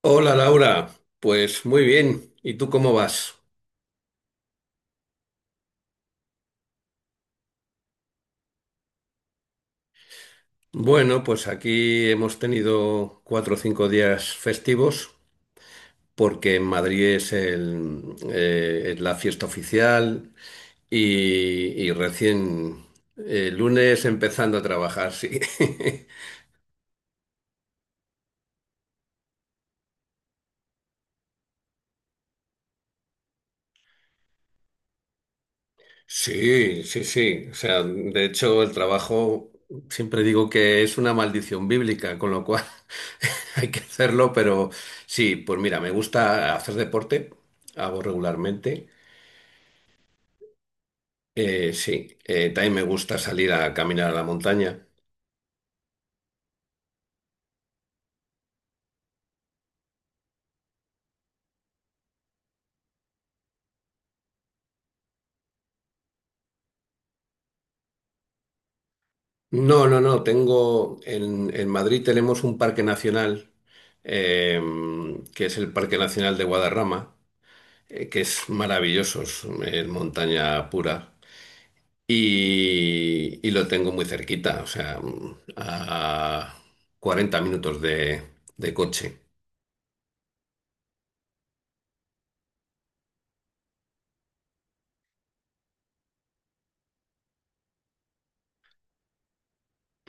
Hola Laura, pues muy bien. ¿Y tú cómo vas? Bueno, pues aquí hemos tenido 4 o 5 días festivos porque en Madrid es la fiesta oficial y, y recién lunes empezando a trabajar, sí. Sí, sí, sí. O sea, de hecho, el trabajo siempre digo que es una maldición bíblica, con lo cual hay que hacerlo, pero sí, pues mira, me gusta hacer deporte, hago regularmente. Sí, también me gusta salir a caminar a la montaña. No, no, no, en Madrid tenemos un parque nacional, eh, que es el Parque Nacional de Guadarrama, que es maravilloso, es montaña pura. Y lo tengo muy cerquita, o sea, a 40 minutos de coche.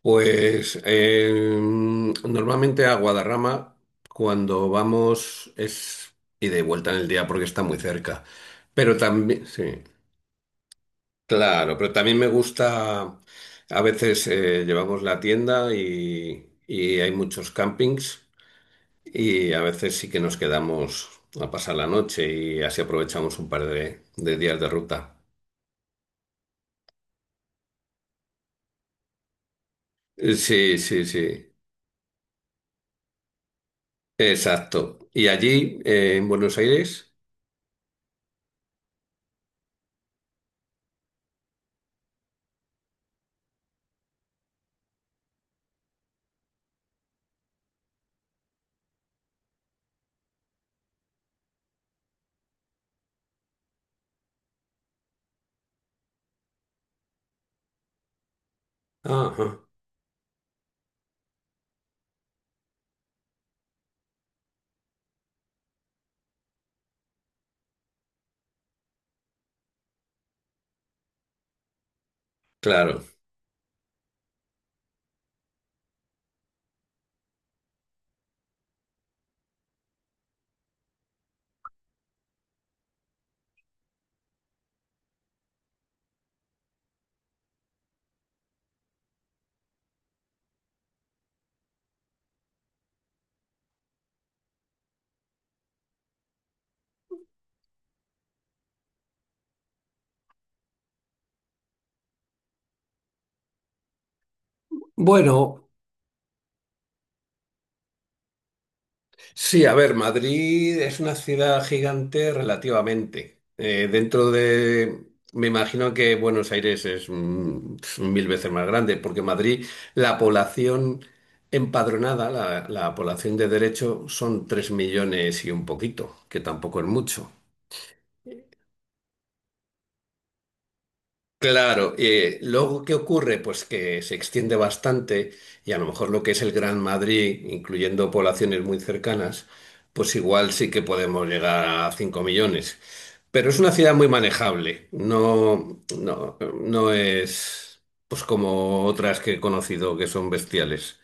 Pues normalmente a Guadarrama, cuando vamos, es ida y vuelta en el día porque está muy cerca. Pero también, sí, claro, pero también me gusta, a veces llevamos la tienda y hay muchos campings. Y a veces sí que nos quedamos a pasar la noche y así aprovechamos un par de días de ruta. Sí, sí, sí. Exacto. ¿Y allí, en Buenos Aires? Ajá, claro. Bueno, sí, a ver, Madrid es una ciudad gigante relativamente. Me imagino que Buenos Aires es 1000 veces más grande, porque Madrid, la población empadronada, la población de derecho, son 3 millones y un poquito, que tampoco es mucho. Claro, luego, ¿qué ocurre? Pues que se extiende bastante y a lo mejor lo que es el Gran Madrid, incluyendo poblaciones muy cercanas, pues igual sí que podemos llegar a 5 millones. Pero es una ciudad muy manejable, no, no, no es pues como otras que he conocido que son bestiales.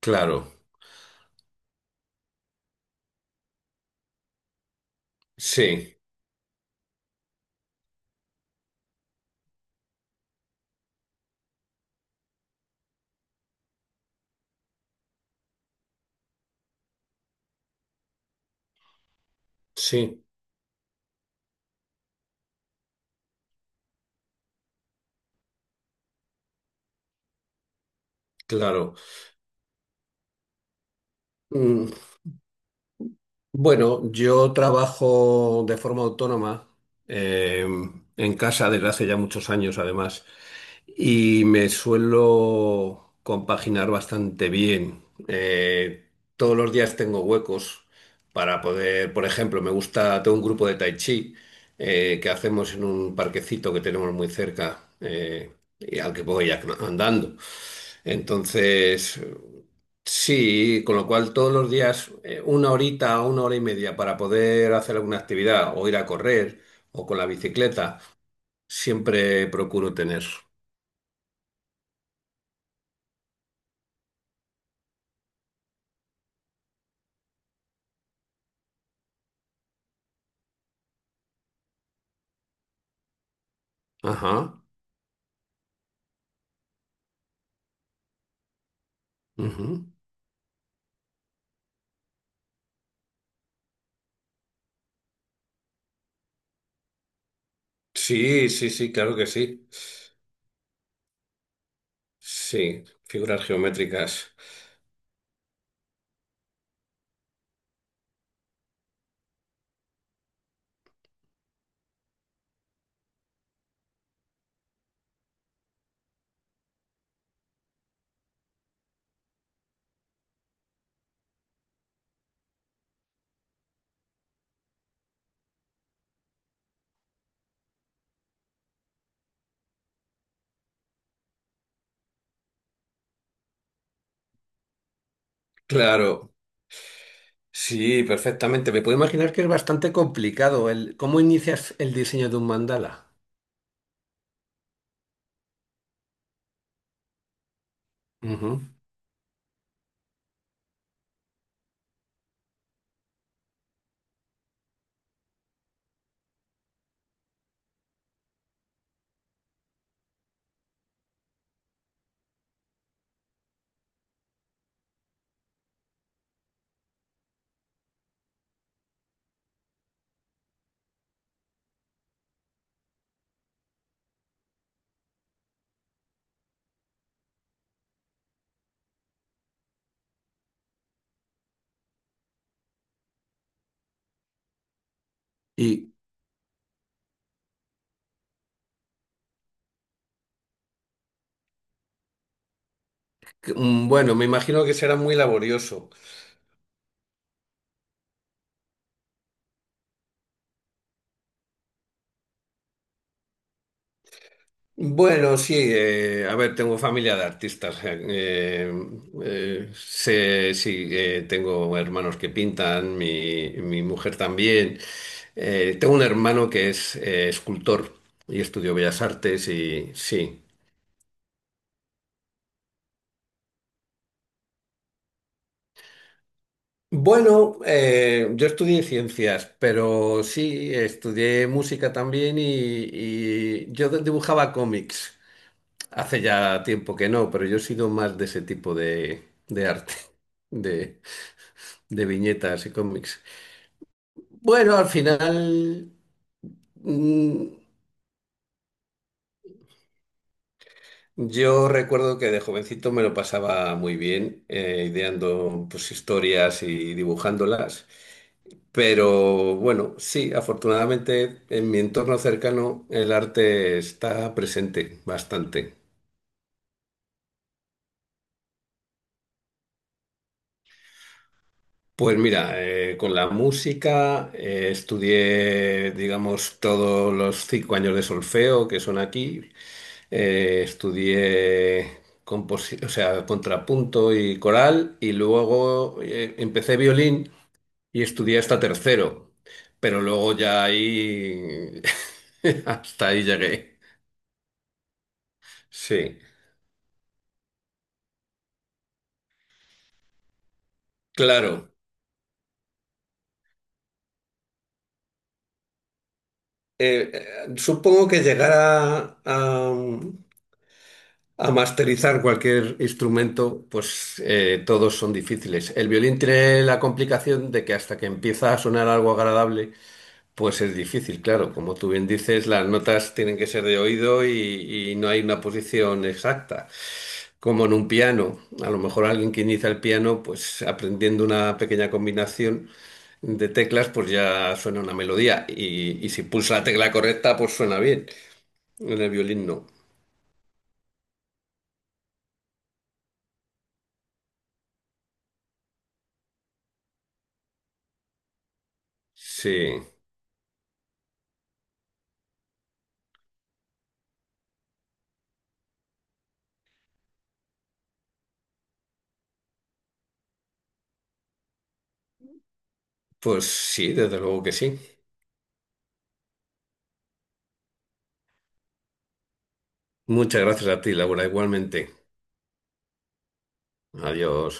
Claro, sí, sí, claro. Mm, Bueno, yo trabajo de forma autónoma eh, en casa desde hace ya muchos años, además, y me suelo compaginar bastante bien. Eh, todos los días tengo huecos para poder, por ejemplo, me gusta, tengo un grupo de tai chi que hacemos en un parquecito que tenemos muy cerca, y al que voy andando. Entonces. Sí, con lo cual todos los días una horita o una hora y media para poder hacer alguna actividad o ir a correr o con la bicicleta, siempre procuro tener. Ajá. Ujú. Sí, sí, sí, claro que sí. Sí, figuras geométricas. Claro, sí, perfectamente. Me puedo imaginar que es bastante complicado el cómo inicias el diseño de un mandala. Ujú. Y bueno, me imagino que será muy laborioso. Bueno, sí, a ver, tengo familia de artistas. Sí, tengo hermanos que pintan, mi mujer también. Tengo un hermano que es escultor y estudió Bellas Artes y sí. Bueno, yo estudié ciencias, pero sí, estudié música también y yo dibujaba cómics. Hace ya tiempo que no, pero yo he sido más de ese tipo de arte. De... de viñetas y cómics. Bueno, al final mm, yo recuerdo que de jovencito me lo pasaba muy bien ideando pues historias y dibujándolas, pero bueno, sí, afortunadamente en mi entorno cercano el arte está presente bastante. Pues mira, con la música estudié, digamos, todos los 5 años de solfeo que son aquí. Estudié o sea, contrapunto y coral y luego empecé violín y estudié hasta tercero, pero luego ya ahí hasta ahí llegué. Sí, claro. Supongo que llegar a, masterizar cualquier instrumento, pues todos son difíciles. El violín tiene la complicación de que hasta que empieza a sonar algo agradable, pues es difícil, claro. Como tú bien dices, las notas tienen que ser de oído y no hay una posición exacta. Como en un piano. A lo mejor alguien que inicia el piano, pues aprendiendo una pequeña combinación de teclas, pues ya suena una melodía. Y si pulsa la tecla correcta, pues suena bien. En el violín no. Sí, pues sí, desde luego que sí. Muchas gracias a ti, Laura, igualmente. Adiós.